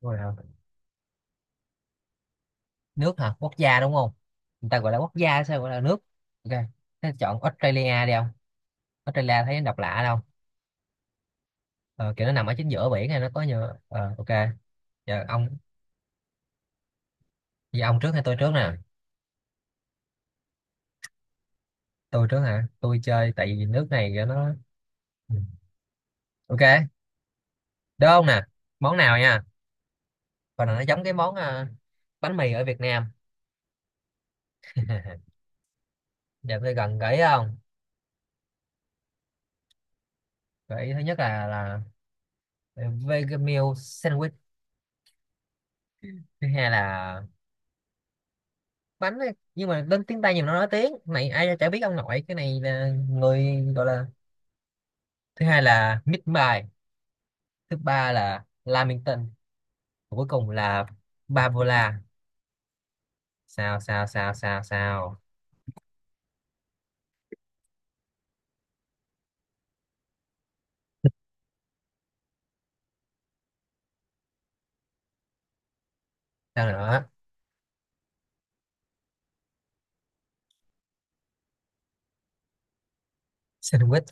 Rồi hả? Nước hả? Quốc gia đúng không? Người ta gọi là quốc gia sao gọi là nước? Ok. Thế chọn Australia đi không? Australia thấy nó độc lạ đâu. Ờ, kiểu nó nằm ở chính giữa biển này nó có nhiều ok. Giờ ông giờ ông trước hay tôi trước nè? Tôi trước hả? Tôi chơi tại vì nước này kiểu nó. Ừ. Ok. Đúng không nè? Món nào nha? Còn là nó giống cái món bánh mì ở Việt Nam. Giờ tôi gần gợi ý không? Gợi ý thứ nhất là vegan meal sandwich, thứ hai là bánh ấy. Nhưng mà đến tiếng Tây nhiều nó nói tiếng này ai chả biết ông nội, cái này là người gọi là, thứ hai là mít bài, thứ ba là Lamington. Và cuối cùng là Bavola. Sao sao sao sao sao, sao nữa? Sandwich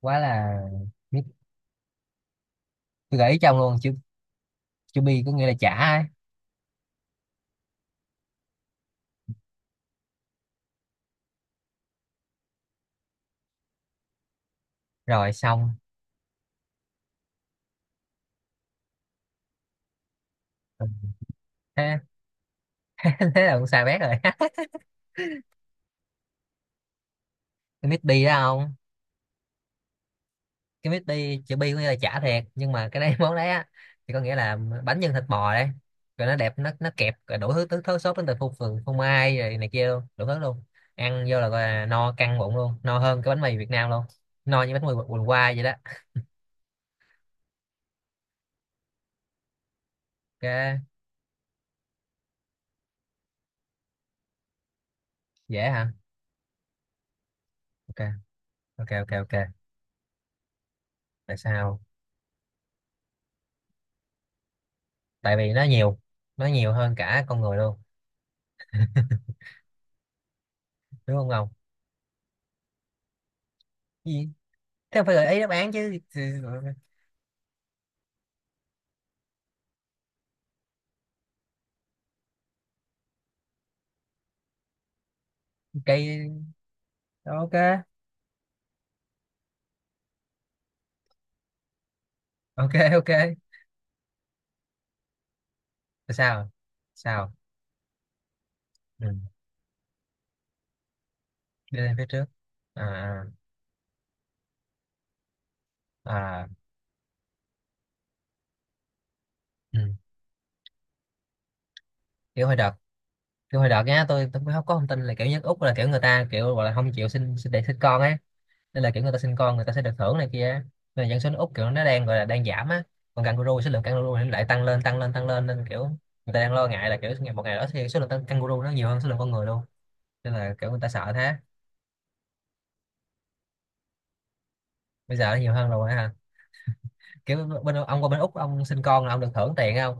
quá là biết. Tôi gợi ý trong luôn chữ, chữ bi có nghĩa là chả ấy. Rồi xong. Ừ. Thế thế là cũng sai bét rồi. Mít bi đó không? Cái mít bi, chữ bi có nghĩa là chả thiệt, nhưng mà cái đấy món đấy á thì có nghĩa là bánh nhân thịt bò đấy. Rồi nó đẹp, nó kẹp rồi đủ thứ thứ, thứ sốt, đến từ phô mai rồi này kia luôn đủ thứ luôn. Ăn vô là gọi là no căng bụng luôn, no hơn cái bánh mì Việt Nam luôn. No như bánh mì quần qua vậy đó. Ok. Dễ hả? Ok ok ok Ok. Tại sao? Tại vì nó nhiều, nó nhiều hơn cả con người luôn. Đúng không Ngọc? Gì? Thế không phải gợi ý đáp án chứ. Thì- cây, ok. Ok. Tại sao? Sao? Ừ. Đi lên phía trước. À. À. Ừ. Kiểu hồi đợt, kiểu hồi đợt nhá, tôi cũng không có thông tin là kiểu nhất Úc là kiểu người ta kiểu gọi là không chịu sinh sinh để sinh con á. Nên là kiểu người ta sinh con người ta sẽ được thưởng này kia á. Nên là dân số nước Úc kiểu nó đang gọi là đang giảm á. Còn kangaroo, số lượng kangaroo thì nó lại tăng lên nên kiểu người ta đang lo ngại là kiểu ngày một ngày đó thì số lượng tăng- kangaroo nó nhiều hơn số lượng con người luôn. Nên là kiểu người ta sợ thế. Bây giờ nó nhiều hơn rồi ha. Kiểu bên ông qua bên Úc ông sinh con là ông được thưởng tiền không?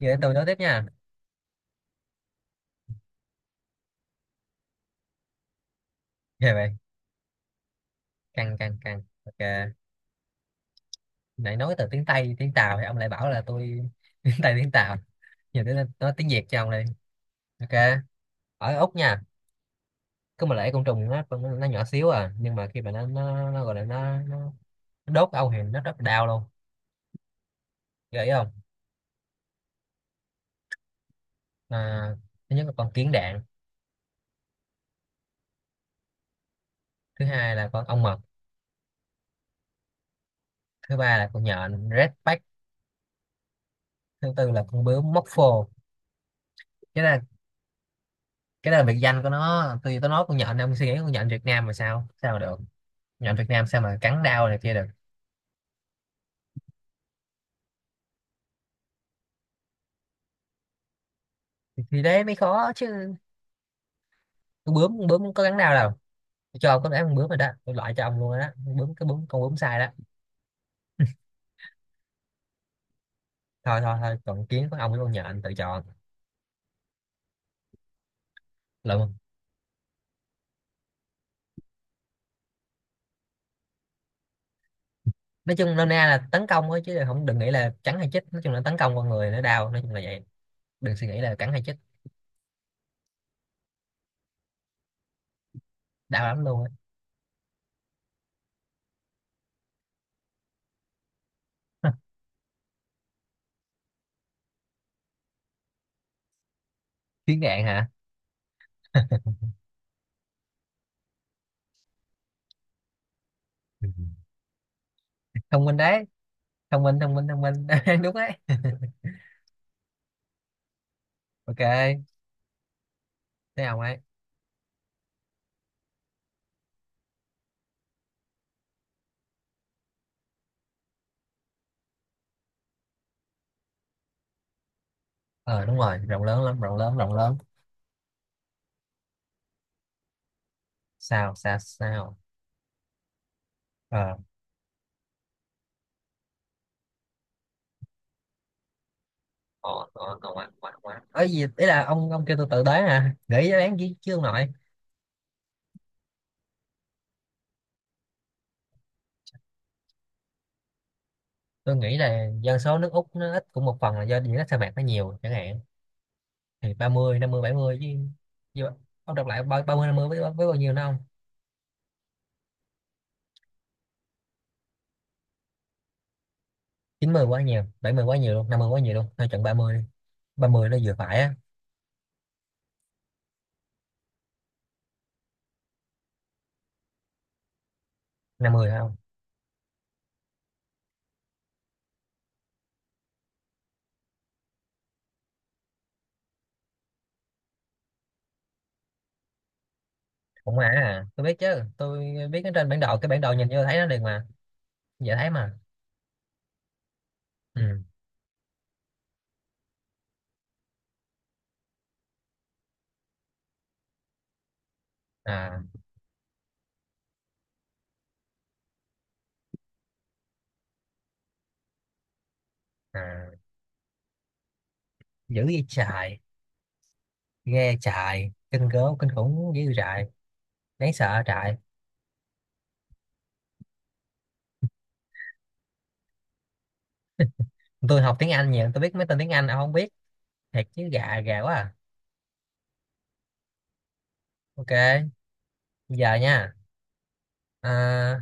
Vậy để tôi nói tiếp nha. Về vậy, căng căng căng, ok. Nãy nói từ tiếng Tây tiếng Tàu thì ông lại bảo là tôi tiếng Tây tiếng Tàu, giờ tôi nói tiếng Việt cho ông đây. Ok. Ở Úc nha, cứ mà lại côn trùng nó nhỏ xíu à, nhưng mà khi mà nó gọi là nó nó đốt ông thì nó rất là đau luôn. Gợi không? à, Thứ nhất là con kiến đạn, thứ hai là con ong mật, thứ ba là con nhện redback, thứ tư là con bướm móc phô. Cái là, cái đó là biệt danh của nó. Tôi nói con nhện ông suy nghĩ con nhện Việt Nam mà sao sao mà được. Nhện Việt Nam sao mà cắn đau này kia được. Thì thế mới khó chứ. Con bướm có cắn đau đâu. Tôi cho ông có ném con bướm rồi đó, tôi loại cho ông luôn rồi đó. Con bướm, cái bướm, con bướm sai đó. Thôi thôi thôi, còn kiến, con ong với con nhện, anh tự chọn. Lộn. Nói chung nôm na là tấn công thôi chứ không, đừng nghĩ là cắn hay chích. Nói chung là tấn công con người nó đau, nói chung là vậy. Đừng suy nghĩ là cắn hay chích. Đau lắm luôn. Á. Kiến gạn hả? Ừ. Thông minh đấy. Thông minh thông minh thông minh đúng đấy. Ok. Thế ông ấy, ờ đúng rồi rộng lớn lắm, rộng lớn rộng lớn. Sao sao sao? ờ ờ, Còn quá ngon quá quá ấy gì, ý là ông kêu tôi tự tới hả nghĩ đáp án chứ chưa, ông nội. Tôi nghĩ là dân số nước Úc nó ít cũng một phần là do diện tích sa mạc nó nhiều chẳng hạn. Thì 30 50 70 chứ. Chứ ông đọc lại ba- 30 50 với bao nhiêu nó không. Chín mươi quá nhiều, 70 quá nhiều luôn, 50 quá nhiều luôn, thôi chọn 30 đi. Ba mươi nó vừa phải á. 50 phải không? Cũng mà à tôi biết chứ, tôi biết cái trên bản đồ, cái bản đồ nhìn vô thấy nó liền mà. Dễ thấy mà. Ừ. À. À. Dữ vậy trời. Ghê trời, kinh gớm, kinh khủng, dữ trại. Đáng sợ trại. Tôi học tiếng Anh nhiều, tôi biết mấy tên tiếng Anh ông không biết. Thiệt chứ, gà gà quá à. Ok. Giờ nha. à,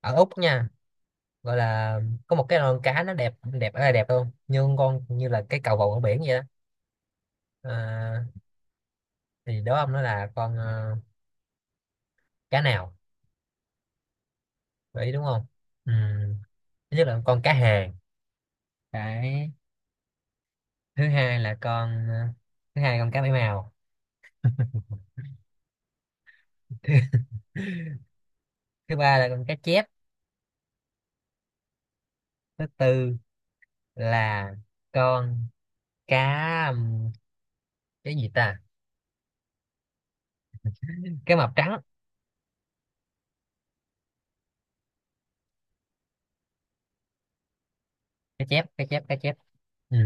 Ở Úc nha, gọi là có một cái con cá, nó đẹp đẹp ở đây đẹp luôn, nhưng con như là cái cầu vồng ở biển vậy đó. À, thì đó ông, nó là con cá nào? Gợi ý đúng không? Ừ. Thứ nhất là con cá hàng. Cái thứ hai là con thứ hai là con cá bảy màu. thứ, Thứ ba là con cá chép. Thứ tư là con cá cái gì ta, cá mập trắng. Cá chép cá chép cá chép. Ừ.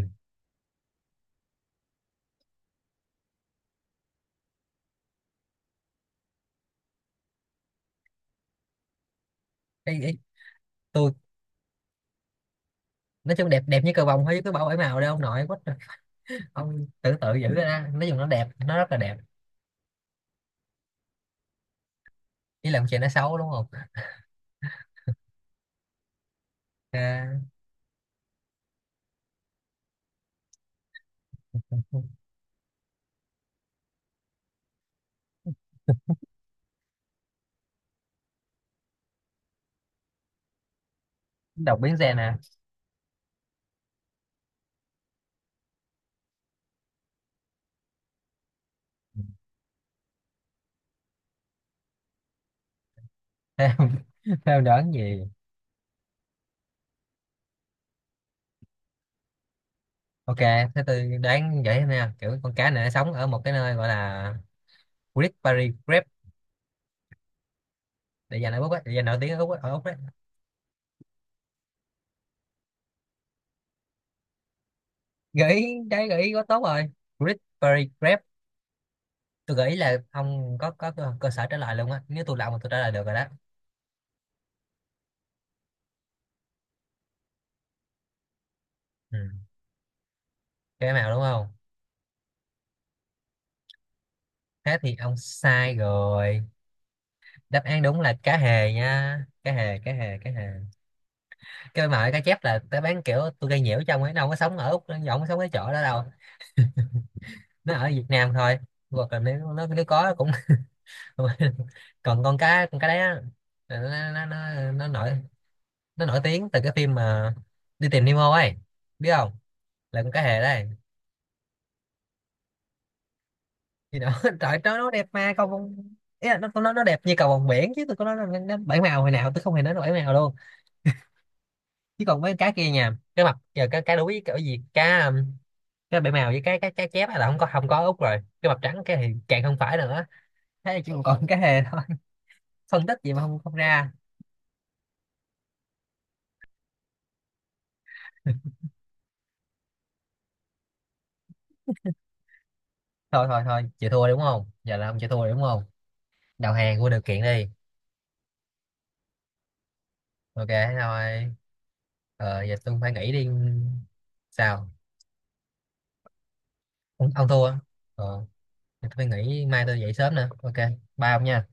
Ý, ý, tôi nói chung đẹp, đẹp như cờ vồng thôi chứ cứ bảo bảy màu đâu ông nội quá. Ông tự tự giữ ra, nói chung nó đẹp, nó rất là đẹp. Chỉ làm chuyện nó xấu đúng không. À, đọc biến xe nè. Theo, theo đoán gì. Ok thế tôi đoán vậy nè. Kiểu con cá này nó sống ở một cái nơi gọi là Great Barrier Reef. Để dành ở Úc á, để dành nổi tiếng ở Úc á- ở Úc đấy. Gợi ý đấy, gợi ý quá tốt rồi. Great Barrier Reef. Tôi gợi ý là ông có cơ sở trả lời luôn á, nếu tôi là ông mà tôi trả lời được rồi đó. Ừ. Cái màu đúng không? Thế thì ông sai rồi. Đáp án đúng là cá hề nha. Cá hề cá hề cá hề. Cái mà cá chép là tao bán, kiểu tôi gây nhiễu cho ông ấy, nó không có sống ở Úc, nó không có sống cái chỗ đó đâu. Nó ở Việt Nam thôi. Hoặc là nếu nó, nếu có cũng còn con cá, con cá đấy á, nó, nó nổi, nó nổi tiếng từ cái phim mà đi tìm Nemo ấy, biết không, là con cá hề đấy. Thì nó trời nó đẹp mà cầu vồng, ý là nó đẹp như cầu vồng biển, chứ tôi có nói là nó bảy màu hồi nào, tôi không hề nói nó bảy màu luôn. Chứ còn mấy cái kia nha, cái mặt giờ cái đuối cái gì cá cái bể màu với cái chép là không có, không có út rồi, cái mập trắng cái thì càng không phải nữa. Thế là chỉ còn cái hề thôi. Phân tích gì mà không không ra. Thôi thôi thôi, chịu thua đúng không, giờ là ông chịu thua đúng không? Đầu hàng vô điều kiện đi. Ok thế thôi. Ờ giờ tôi phải nghỉ đi. Sao? Ông thua. Ờ, tôi phải nghỉ, mai tôi dậy sớm nữa. Ok. Bye ông nha.